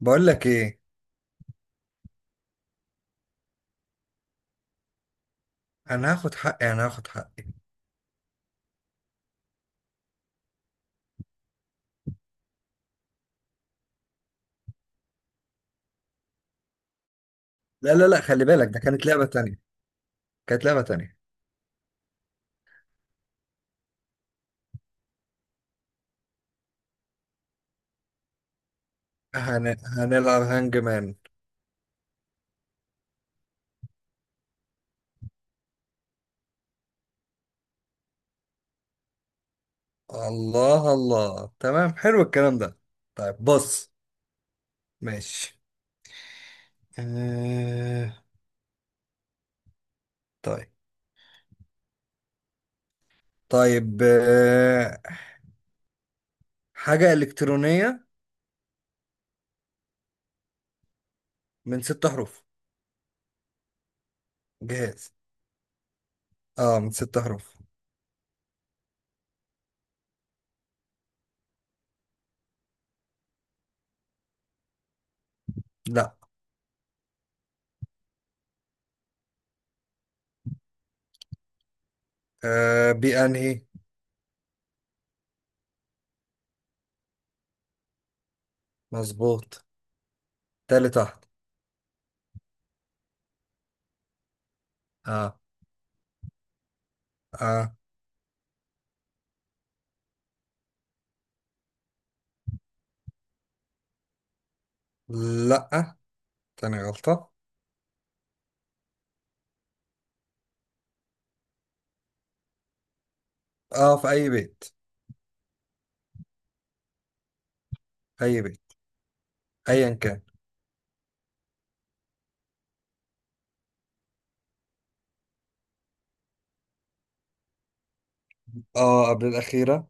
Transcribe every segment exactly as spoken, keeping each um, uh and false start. بقول لك ايه. انا هاخد حقي انا هاخد حقي. لا لا لا، خلي بالك، ده كانت لعبة تانية كانت لعبة تانية. هن... هنلعب هانج مان. الله الله، تمام، حلو الكلام ده. طيب بص. ماشي. آه... طيب. طيب آه... حاجة إلكترونية من ست حروف. جهاز، اه، من ست حروف. لا. آه... بأنهي؟ مظبوط. تالت واحد. اه. اه. لا، تاني غلطة. اه، في أي بيت. أي بيت ايا كان. اه، قبل الاخيره.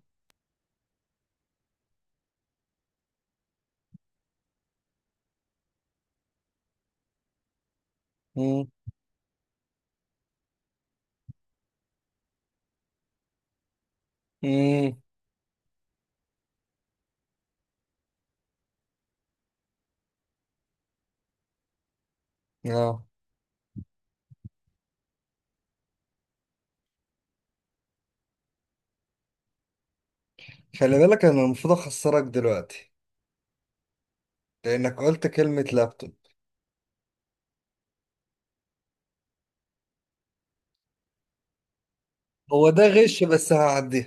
امم. امم. اه، خلي بالك انا المفروض اخسرك دلوقتي، لانك قلت كلمه لابتوب. هو ده غش بس هعديها.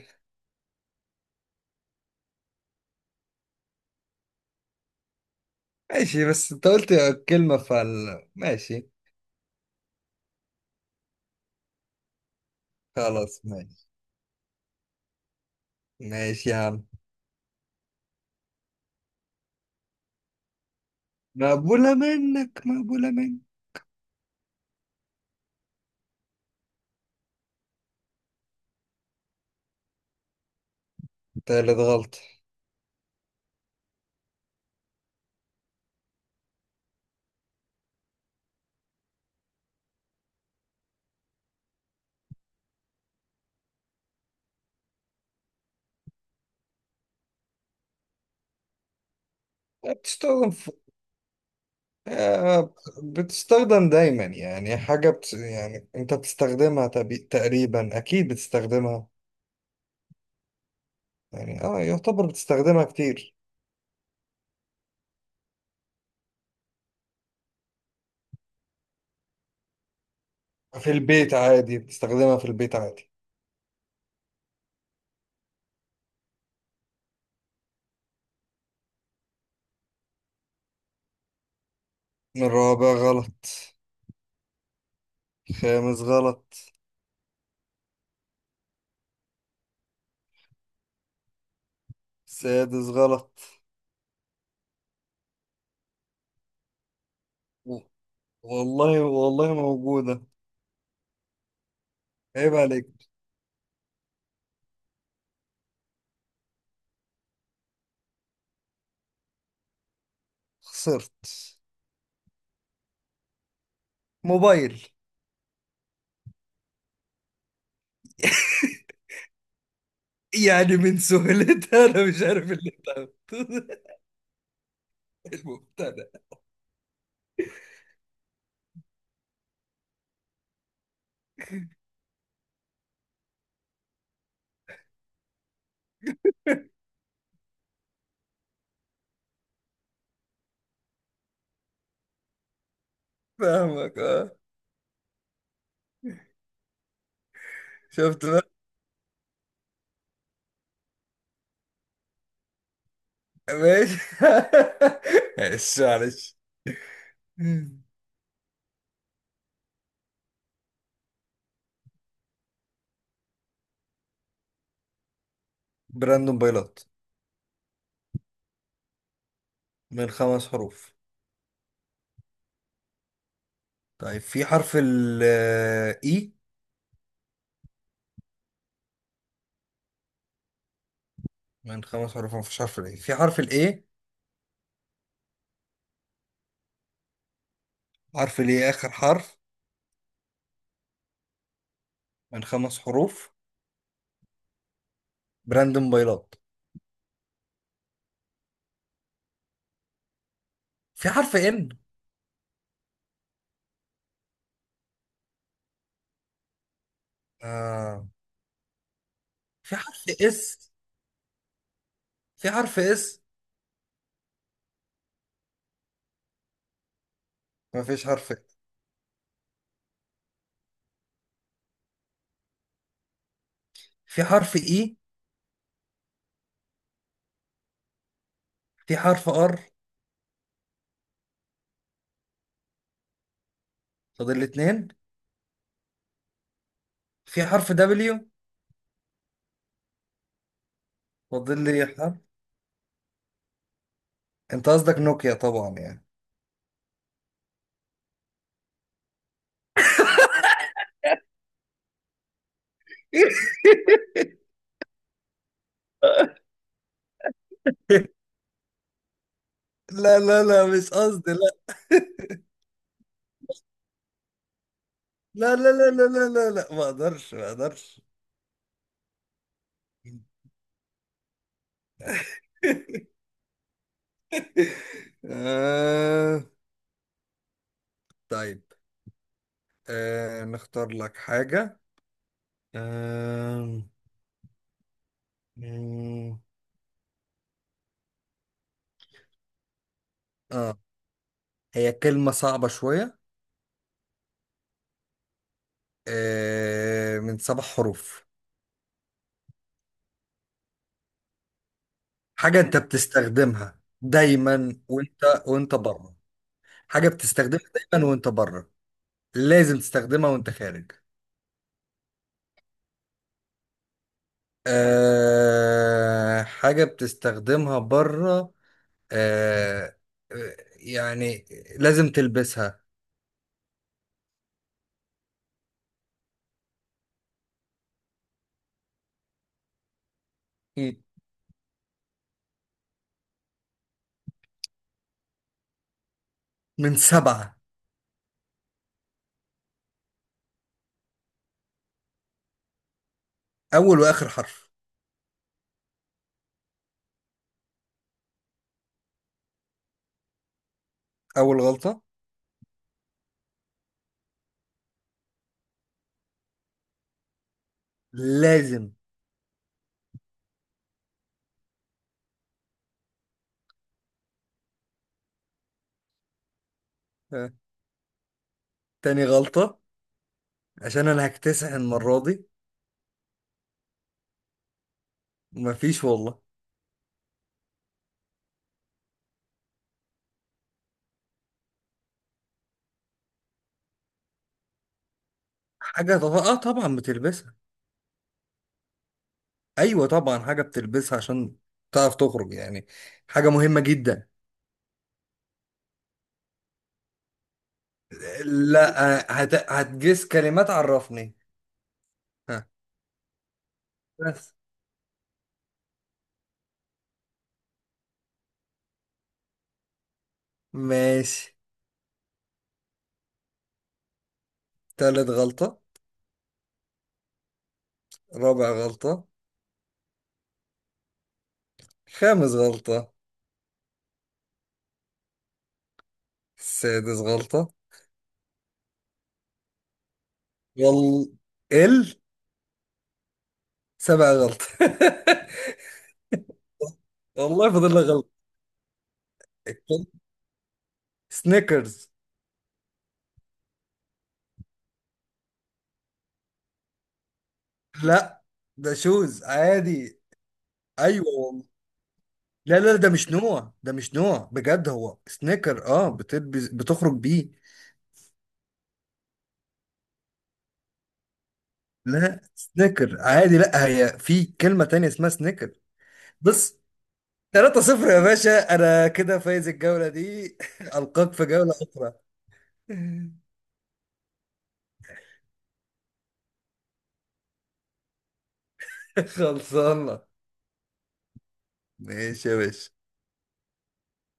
ماشي، بس انت قلت كلمه، فال ماشي. خلاص ماشي. ماشي يا عم. مقبوله منك، مقبوله منك. تالت غلطه. بتستخدم في... آه، بتستخدم دايما، يعني حاجة بت... يعني انت بتستخدمها تبي... تقريبا اكيد بتستخدمها. يعني اه، يعتبر بتستخدمها كتير. في البيت عادي، بتستخدمها في البيت عادي. الرابع غلط. خامس غلط. سادس غلط. و- والله والله موجودة. عيب عليك. خسرت. موبايل. يعني من سهولتها انا مش عارف اللي انت عملته ده. المبتدأ. فاهمك اه. شفت بقى. ماشي. معلش معلش. براند موبايلات من خمس حروف. طيب، في حرف ال E؟ من خمس حروف. مفيش حرف الاي. في حرف الاي؟ حرف الاي اخر حرف. من خمس حروف، براند موبايلات. في حرف ان. آه. في حرف اس؟ في حرف اس؟ مفيش حرف إس. في حرف اي؟ في حرف ار؟ فاضل لي اتنين. في حرف دبليو؟ فاضل لي حرف. انت قصدك نوكيا طبعا يعني. لا لا لا، مش قصدي، لا. لا لا لا لا لا لا لا، ما اقدرش، ما اقدرش. آه. طيب. آه، نختار لك حاجة. آه. آه، هي كلمة صعبة شوية. آه، من سبع حروف. حاجة أنت بتستخدمها دايما وأنت، وأنت بره. حاجة بتستخدمها دايما وأنت بره. لازم تستخدمها وأنت خارج. آه، حاجة بتستخدمها بره. آه. آه، يعني لازم تلبسها. مم. من سبعة. أول وآخر حرف. أول غلطة. لازم. آه. تاني غلطة. عشان انا هكتسح المرة دي. مفيش والله. حاجة طب... اه طبعا بتلبسها. ايوه طبعا، حاجة بتلبسها عشان تعرف تخرج يعني. حاجة مهمة جدا. لا، آه، هت... هتجس كلمات، عرفني. ها؟ بس ماشي. تالت غلطة. رابع غلطة. خامس غلطة. سادس غلطة. وال، ال. سبع غلطة. والله فاضل لك غلطة. سنيكرز. لا، ده شوز عادي. ايوه والله. لا لا، ده مش نوع، ده مش نوع بجد، هو سنيكر اه، بتلبس بتخرج بيه. لا سنيكر عادي. لا هي في كلمة تانية اسمها سنيكر بس. ثلاثة صفر يا باشا، انا كده فايز الجولة دي. القاك في جولة اخرى. خلصانة. ماشي يا باشا.